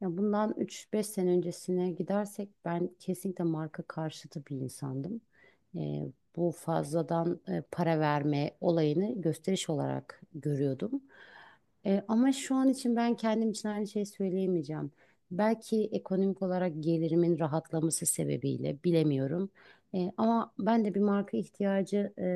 Ya bundan 3-5 sene öncesine gidersek ben kesinlikle marka karşıtı bir insandım. Ee, Bu fazladan para verme olayını gösteriş olarak görüyordum. Ama şu an için ben kendim için aynı şeyi söyleyemeyeceğim. Belki ekonomik olarak gelirimin rahatlaması sebebiyle bilemiyorum. Ama ben de bir marka ihtiyacı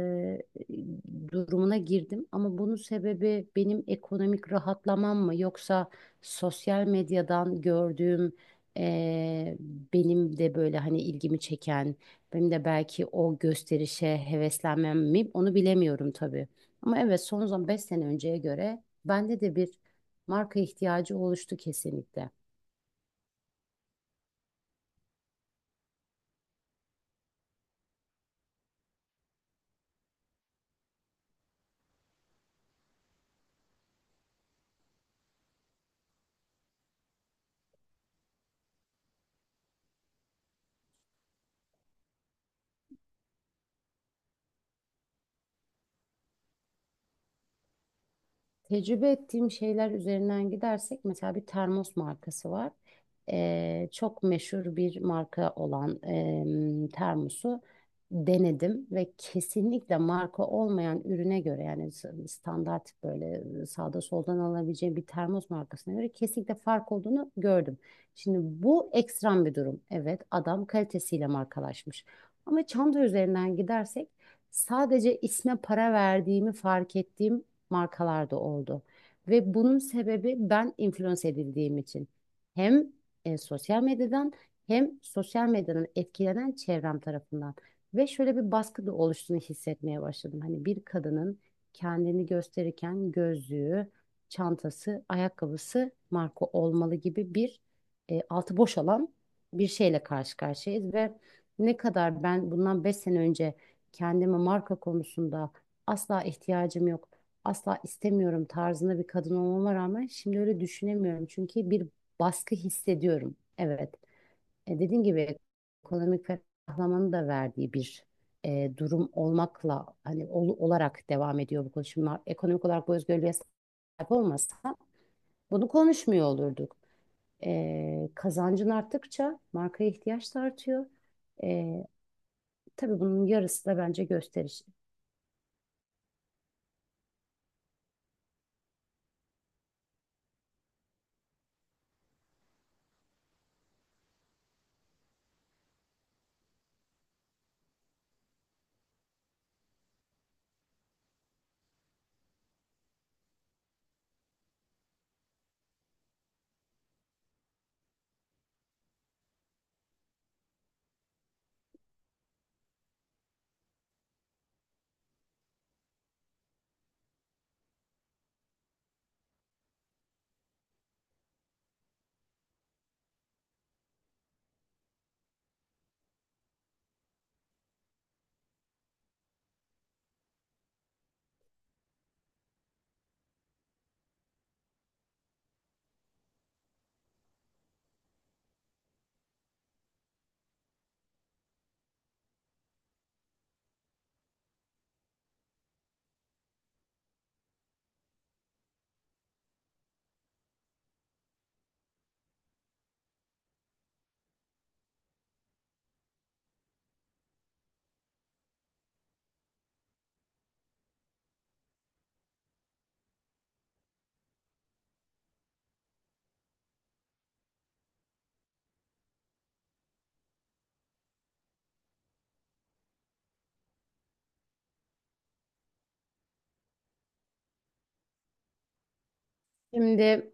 durumuna girdim. Ama bunun sebebi benim ekonomik rahatlamam mı, yoksa sosyal medyadan gördüğüm eee, benim de böyle hani ilgimi çeken, benim de belki o gösterişe heveslenmem mi, onu bilemiyorum tabii. Ama evet, son zaman 5 sene önceye göre bende de bir marka ihtiyacı oluştu kesinlikle. Tecrübe ettiğim şeyler üzerinden gidersek, mesela bir termos markası var. Çok meşhur bir marka olan termosu denedim ve kesinlikle marka olmayan ürüne göre, yani standart, böyle sağda soldan alabileceğim bir termos markasına göre kesinlikle fark olduğunu gördüm. Şimdi bu ekstrem bir durum. Evet, adam kalitesiyle markalaşmış. Ama çanta üzerinden gidersek sadece isme para verdiğimi fark ettiğim markalar da oldu. Ve bunun sebebi ben influence edildiğim için. Hem sosyal medyadan, hem sosyal medyadan etkilenen çevrem tarafından. Ve şöyle bir baskı da oluştuğunu hissetmeye başladım. Hani bir kadının kendini gösterirken gözlüğü, çantası, ayakkabısı marka olmalı gibi bir altı boş, alan bir şeyle karşı karşıyayız. Ve ne kadar ben bundan 5 sene önce kendime marka konusunda asla ihtiyacım yok, asla istemiyorum tarzında bir kadın olmama rağmen, şimdi öyle düşünemiyorum. Çünkü bir baskı hissediyorum. Evet. Dediğim gibi ekonomik ferahlamanın da verdiği bir durum olmakla hani olarak devam ediyor bu konuşma. Ekonomik olarak bu özgürlüğe sahip olmasa bunu konuşmuyor olurduk. Kazancın arttıkça markaya ihtiyaç da artıyor. E, tabii bunun yarısı da bence gösteriş. Şimdi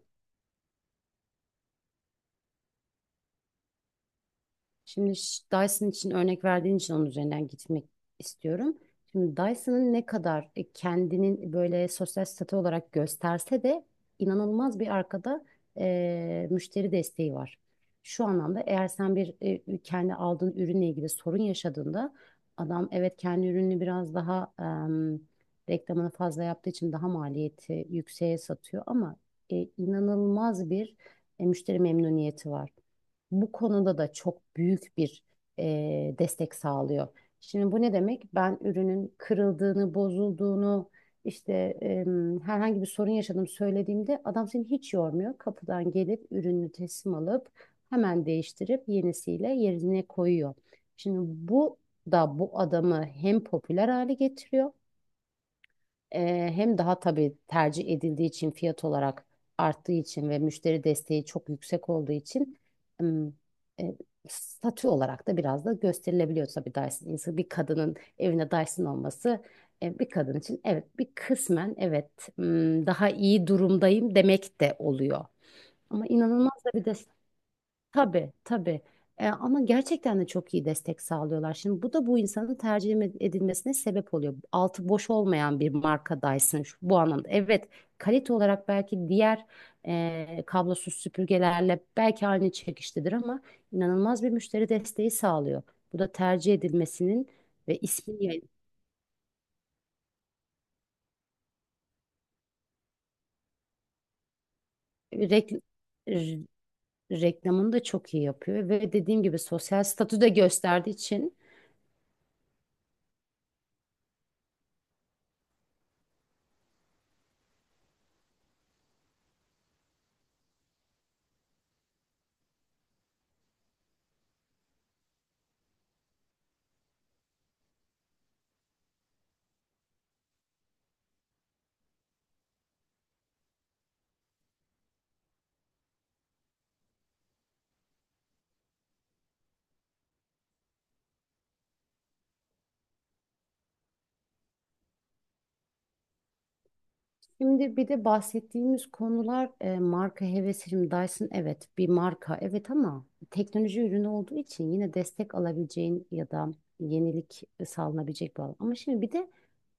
Şimdi Dyson için örnek verdiğin için onun üzerinden gitmek istiyorum. Şimdi Dyson'ın ne kadar kendinin böyle sosyal statü olarak gösterse de, inanılmaz bir arkada müşteri desteği var. Şu anlamda, eğer sen bir kendi aldığın ürünle ilgili sorun yaşadığında, adam evet kendi ürününü biraz daha reklamını fazla yaptığı için daha maliyeti yükseğe satıyor, ama inanılmaz bir müşteri memnuniyeti var, bu konuda da çok büyük bir destek sağlıyor. Şimdi bu ne demek? Ben ürünün kırıldığını, bozulduğunu, işte e, herhangi bir sorun yaşadım söylediğimde adam seni hiç yormuyor. Kapıdan gelip ürünü teslim alıp hemen değiştirip yenisiyle yerine koyuyor. Şimdi bu da bu adamı hem popüler hale getiriyor, hem daha tabii tercih edildiği için, fiyat olarak arttığı için ve müşteri desteği çok yüksek olduğu için ım, e, statü olarak da biraz da gösterilebiliyor tabii Dyson. İnsan, bir kadının evine Dyson olması bir kadın için, evet, bir kısmen evet daha iyi durumdayım demek de oluyor. Ama inanılmaz da bir de. Tabii, tabii. Ama gerçekten de çok iyi destek sağlıyorlar. Şimdi bu da bu insanın tercih edilmesine sebep oluyor. Altı boş olmayan bir markadaysın şu, bu anlamda. Evet, kalite olarak belki diğer kablosuz süpürgelerle belki aynı çekiştedir, ama inanılmaz bir müşteri desteği sağlıyor. Bu da tercih edilmesinin ve ismin rek- r- reklamını da çok iyi yapıyor ve dediğim gibi sosyal statü de gösterdiği için. Şimdi bir de bahsettiğimiz konular marka hevesi. Şimdi Dyson evet bir marka evet, ama teknoloji ürünü olduğu için yine destek alabileceğin ya da yenilik sağlanabilecek bir alan. Ama şimdi bir de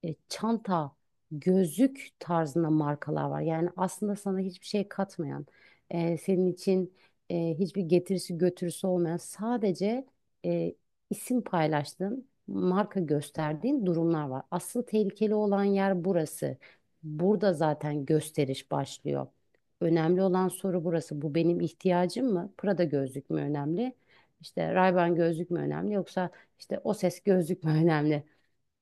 çanta, gözlük tarzında markalar var. Yani aslında sana hiçbir şey katmayan, senin için hiçbir getirisi götürüsü olmayan, sadece e, isim paylaştığın, marka gösterdiğin durumlar var. Asıl tehlikeli olan yer burası. Burada zaten gösteriş başlıyor. Önemli olan soru burası. Bu benim ihtiyacım mı? Prada gözlük mü önemli? İşte Ray-Ban gözlük mü önemli? Yoksa işte o ses gözlük mü önemli?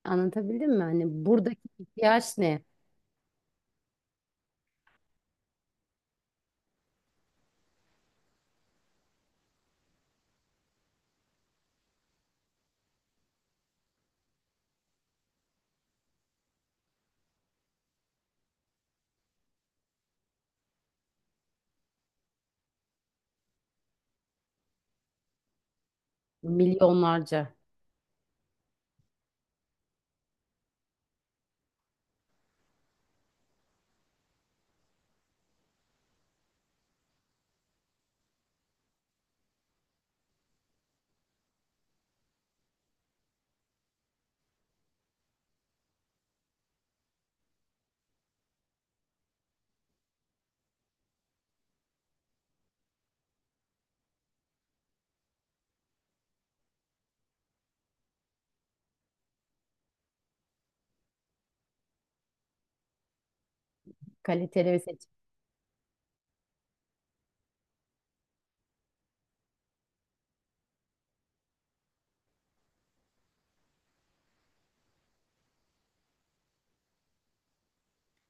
Anlatabildim mi? Hani buradaki ihtiyaç ne? Milyonlarca kaliteli ve seç.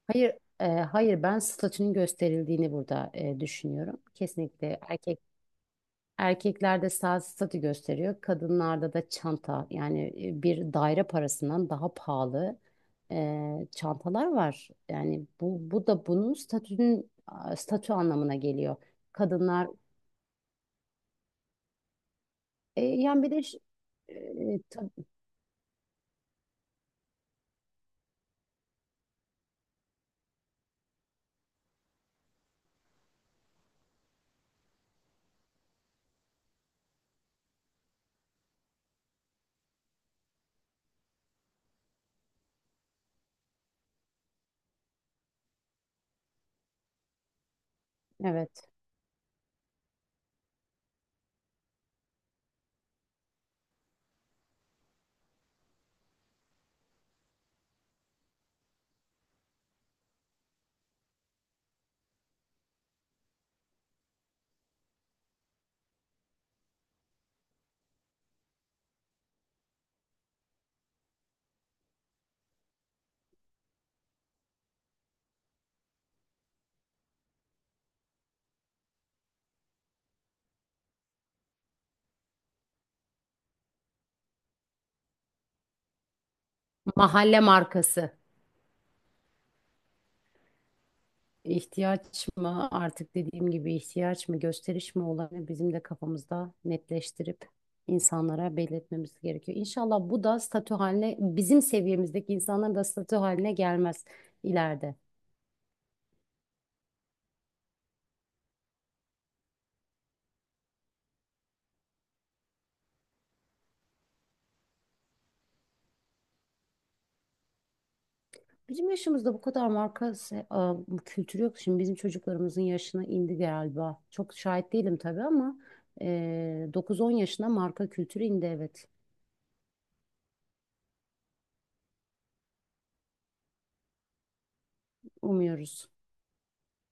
Hayır, hayır, ben statünün gösterildiğini burada düşünüyorum. Kesinlikle erkek. Erkeklerde saat statü gösteriyor. Kadınlarda da çanta, yani bir daire parasından daha pahalı çantalar var. Yani bu da bunun statü anlamına geliyor. Kadınlar. Yani bir de e, tab- evet, mahalle markası. İhtiyaç mı artık, dediğim gibi ihtiyaç mı gösteriş mi olanı bizim de kafamızda netleştirip insanlara belirtmemiz gerekiyor. İnşallah bu da statü haline, bizim seviyemizdeki insanların da statü haline gelmez ileride. Bizim yaşımızda bu kadar marka bu kültürü yok. Şimdi bizim çocuklarımızın yaşına indi galiba. Çok şahit değilim tabii, ama e, 9-10 yaşına marka kültürü indi, evet. Umuyoruz.